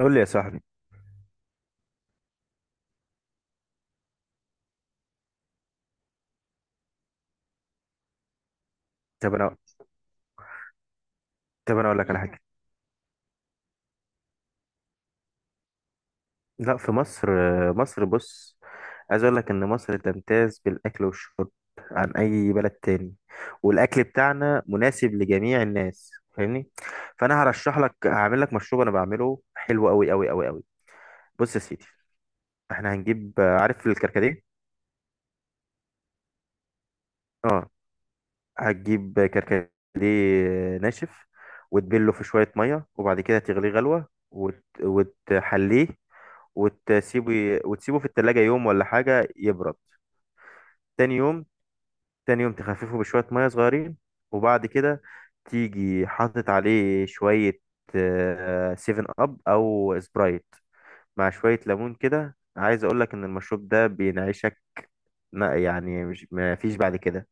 قول لي يا صاحبي. طب انا طب انا اقول لك على حاجه. لا، في مصر، بص، عايز اقول لك ان مصر تمتاز بالاكل والشرب عن اي بلد تاني، والاكل بتاعنا مناسب لجميع الناس، فاهمني؟ فانا هرشح لك، هعمل لك مشروب انا بعمله حلو قوي قوي قوي قوي. بص يا سيدي، احنا هنجيب، عارف الكركديه؟ اه، هتجيب كركديه ناشف وتبله في شويه ميه، وبعد كده تغليه غلوه وتحليه، وتسيبه في التلاجة يوم ولا حاجة يبرد. تاني يوم تاني يوم تخففه بشوية مية صغيرين، وبعد كده تيجي حاطط عليه شوية سيفن أب أو سبرايت مع شوية ليمون كده. عايز أقولك إن المشروب ده بينعشك، لا يعني مش ما فيش بعد كده.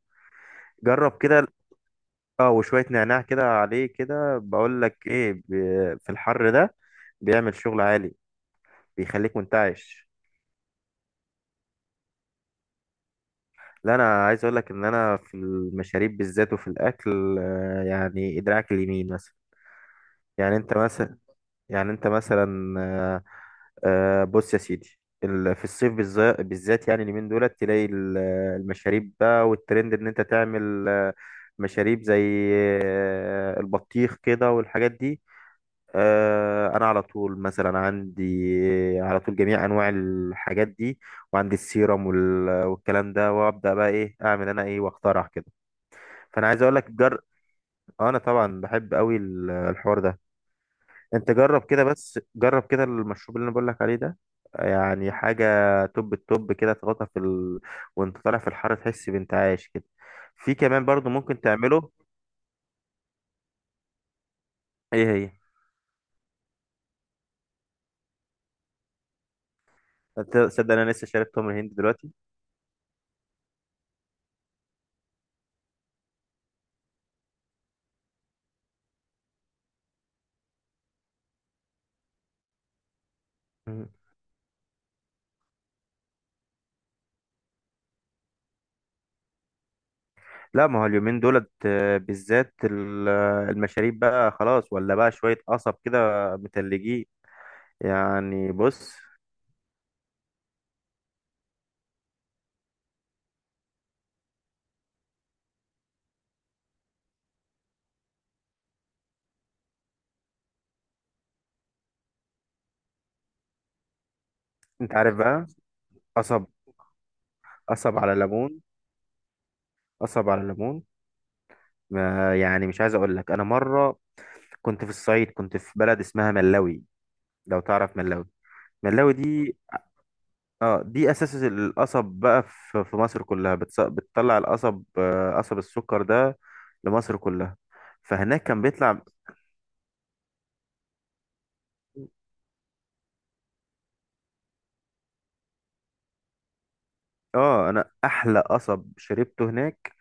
جرب كده، اه، وشوية نعناع كده عليه كده. بقولك ايه، في الحر ده بيعمل شغل عالي، بيخليك منتعش. لا، انا عايز اقول لك ان انا في المشاريب بالذات وفي الاكل، يعني ادراك اليمين مثلا. يعني انت مثلا، يعني انت مثلا آه، بص يا سيدي، في الصيف بالذات يعني اليمين دولت، تلاقي المشاريب بقى، والترند ان انت تعمل مشاريب زي البطيخ كده والحاجات دي. انا على طول مثلا عندي، على طول جميع انواع الحاجات دي، وعندي السيرم والكلام ده، وابدا بقى ايه، اعمل انا ايه واخترع كده. فانا عايز اقول لك، جر آه، انا طبعا بحب قوي الحوار ده. انت جرب كده، بس جرب كده المشروب اللي انا بقول لك عليه ده، يعني حاجه توب التوب كده، تغطى في ال... وانت طالع في الحر تحس بانت عايش كده. في كمان برضو ممكن تعمله. ايه هي؟ أنت تصدق انا لسه شارب تمر هند دلوقتي. مم. لا، ما هو اليومين دولت بالذات المشاريب بقى خلاص، ولا بقى شويه قصب كده متلجين. يعني بص، انت عارف بقى؟ قصب، قصب على ليمون، قصب على ليمون، ما يعني مش عايز اقول لك، انا مره كنت في الصعيد، كنت في بلد اسمها ملاوي. لو تعرف ملاوي، ملاوي دي، اه، دي اساس القصب بقى، في مصر كلها بتطلع القصب، قصب السكر ده، لمصر كلها. فهناك كان بيطلع، اه، انا احلى قصب شربته هناك،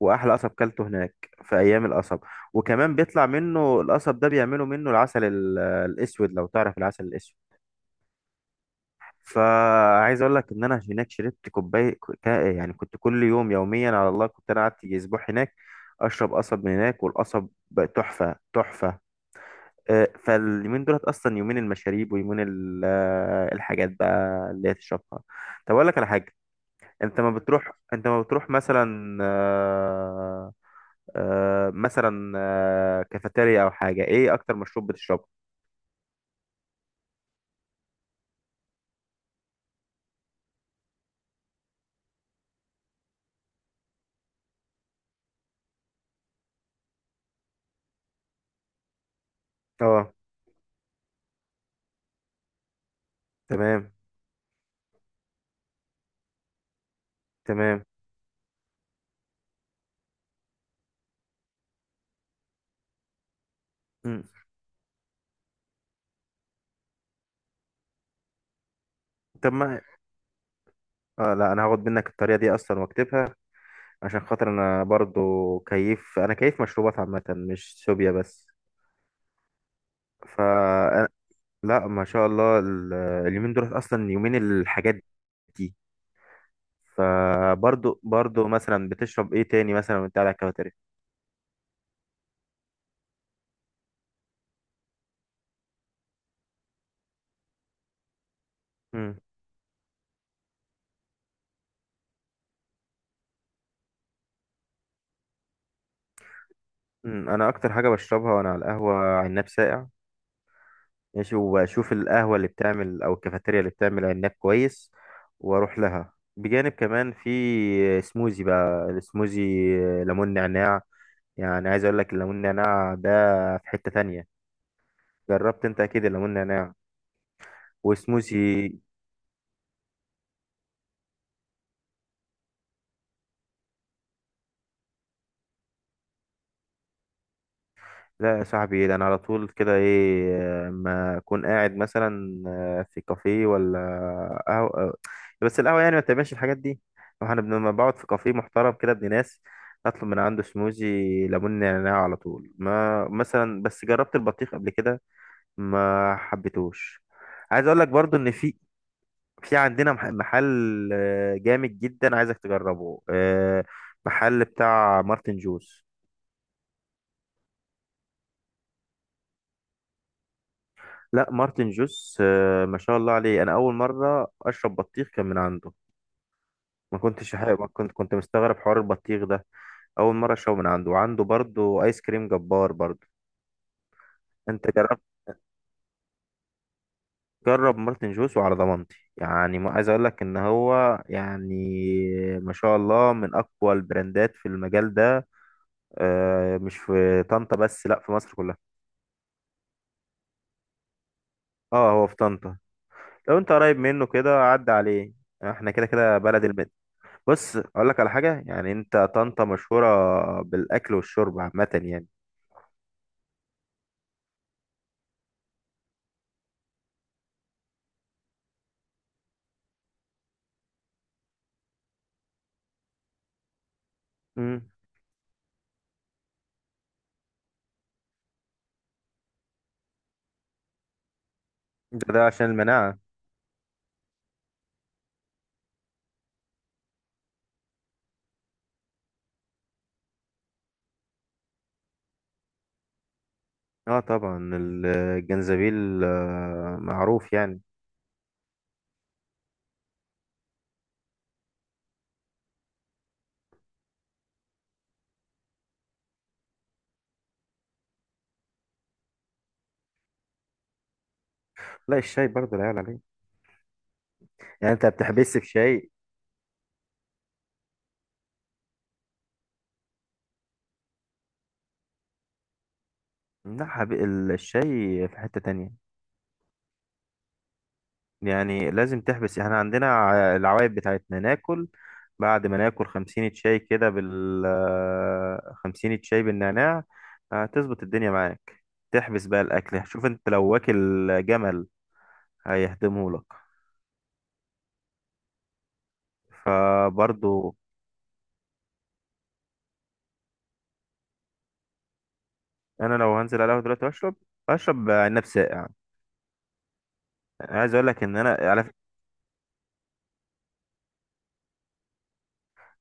واحلى قصب كلته هناك، في ايام القصب. وكمان بيطلع منه القصب ده، بيعملوا منه العسل الاسود. لو تعرف العسل الاسود، فعايز اقول لك ان انا هناك شربت كوبايه، يعني كنت كل يوم يوميا على الله، كنت انا قعدت يجي اسبوع هناك اشرب قصب من هناك، والقصب بقى تحفه تحفه. فاليومين دولت اصلا يومين المشاريب، ويومين الحاجات بقى اللي هي تشربها. طب اقول لك على حاجه، انت ما بتروح انت ما بتروح مثلا مثلا كافيتيريا او حاجه، ايه اكتر مشروب بتشربه؟ اه. تمام، تمام. مم. طب ما، اه، لا انا هاخد منك الطريقه دي اصلا واكتبها، عشان خاطر انا برضو كيف، انا كيف مشروبات عامه، مش سوبيا بس. ف، لا ما شاء الله اليومين دول اصلا يومين الحاجات دي. فبرضو مثلا بتشرب ايه تاني مثلا وانت قاعد على الكافيتيريا؟ امم. أمم، انا اكتر حاجه بشربها وانا على القهوه، عناب ساقع، ماشي؟ واشوف القهوة اللي بتعمل او الكافيتيريا اللي بتعمل عناب كويس واروح لها. بجانب كمان في سموزي بقى، السموزي ليمون نعناع، يعني عايز اقول لك الليمون نعناع ده في حتة تانية. جربت انت اكيد الليمون نعناع وسموزي. لا يا صاحبي، ده انا على طول كده، ايه ما اكون قاعد مثلا في كافيه ولا قهوه، بس القهوه يعني ما بتعملش الحاجات دي. احنا لما بقعد في كافيه محترم كده، ابن ناس، اطلب من عنده سموزي ليمون نعناع على طول. ما مثلا بس جربت البطيخ قبل كده ما حبيتهوش. عايز اقول لك برضو ان في، في عندنا محل جامد جدا، عايزك تجربه، محل بتاع مارتن جوز. لا مارتن جوس، ما شاء الله عليه. انا اول مره اشرب بطيخ كان من عنده، ما كنت، كنت مستغرب حوار البطيخ ده. اول مره اشربه من عنده، وعنده برضه ايس كريم جبار برضه. انت جرب، جرب مارتن جوس وعلى ضمانتي. يعني ما عايز اقول لك ان هو يعني ما شاء الله من اقوى البراندات في المجال ده، مش في طنطا بس، لا في مصر كلها. اه هو في طنطا، لو انت قريب منه كده عدى عليه، احنا كده كده بلد. بص اقول لك على حاجه، يعني انت طنطا مشهوره بالاكل والشرب عامه يعني. امم. ده عشان المناعه. اه طبعا الجنزبيل معروف يعني. لا الشاي برضه لا يعلى عليه. يعني انت بتحبس في شاي؟ لا الشاي في حته تانية، يعني لازم تحبس. احنا عندنا العوايد بتاعتنا، ناكل، بعد ما ناكل 50 شاي كده بال آه، 50 شاي بالنعناع، هتظبط الدنيا معاك. تحبس بقى الاكل، شوف انت لو واكل جمل هيهدمه لك. فبرضو، انا لو هنزل على القهوه دلوقتي واشرب، اشرب عناب ساقع يعني. عايز اقول لك ان انا على فكرة،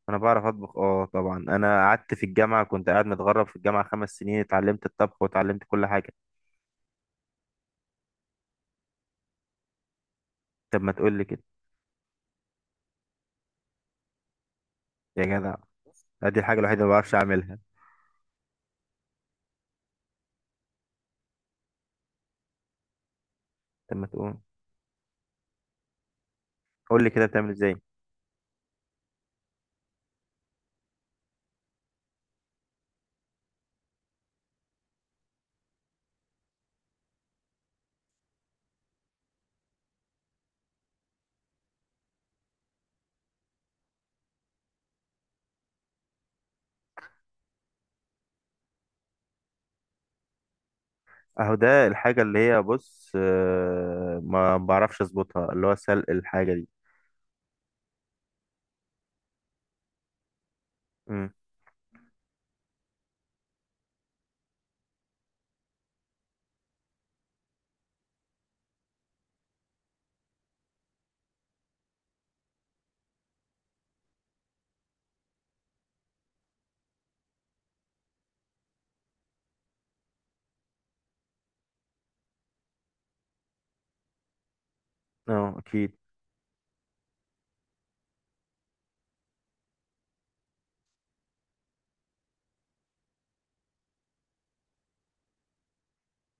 انا بعرف اطبخ، اه طبعا. انا قعدت في الجامعه، كنت قاعد متغرب في الجامعه 5 سنين، اتعلمت الطبخ واتعلمت كل حاجه. طب ما تقول لي كده. يا جدع، ادي الحاجه الوحيده اللي ما بعرفش اعملها. طب ما تقول، قول لي كده بتعمل ازاي. اهو ده الحاجه اللي هي، بص، ما بعرفش اظبطها، اللي هو سلق الحاجه دي. امم. اه اكيد.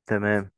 تمام.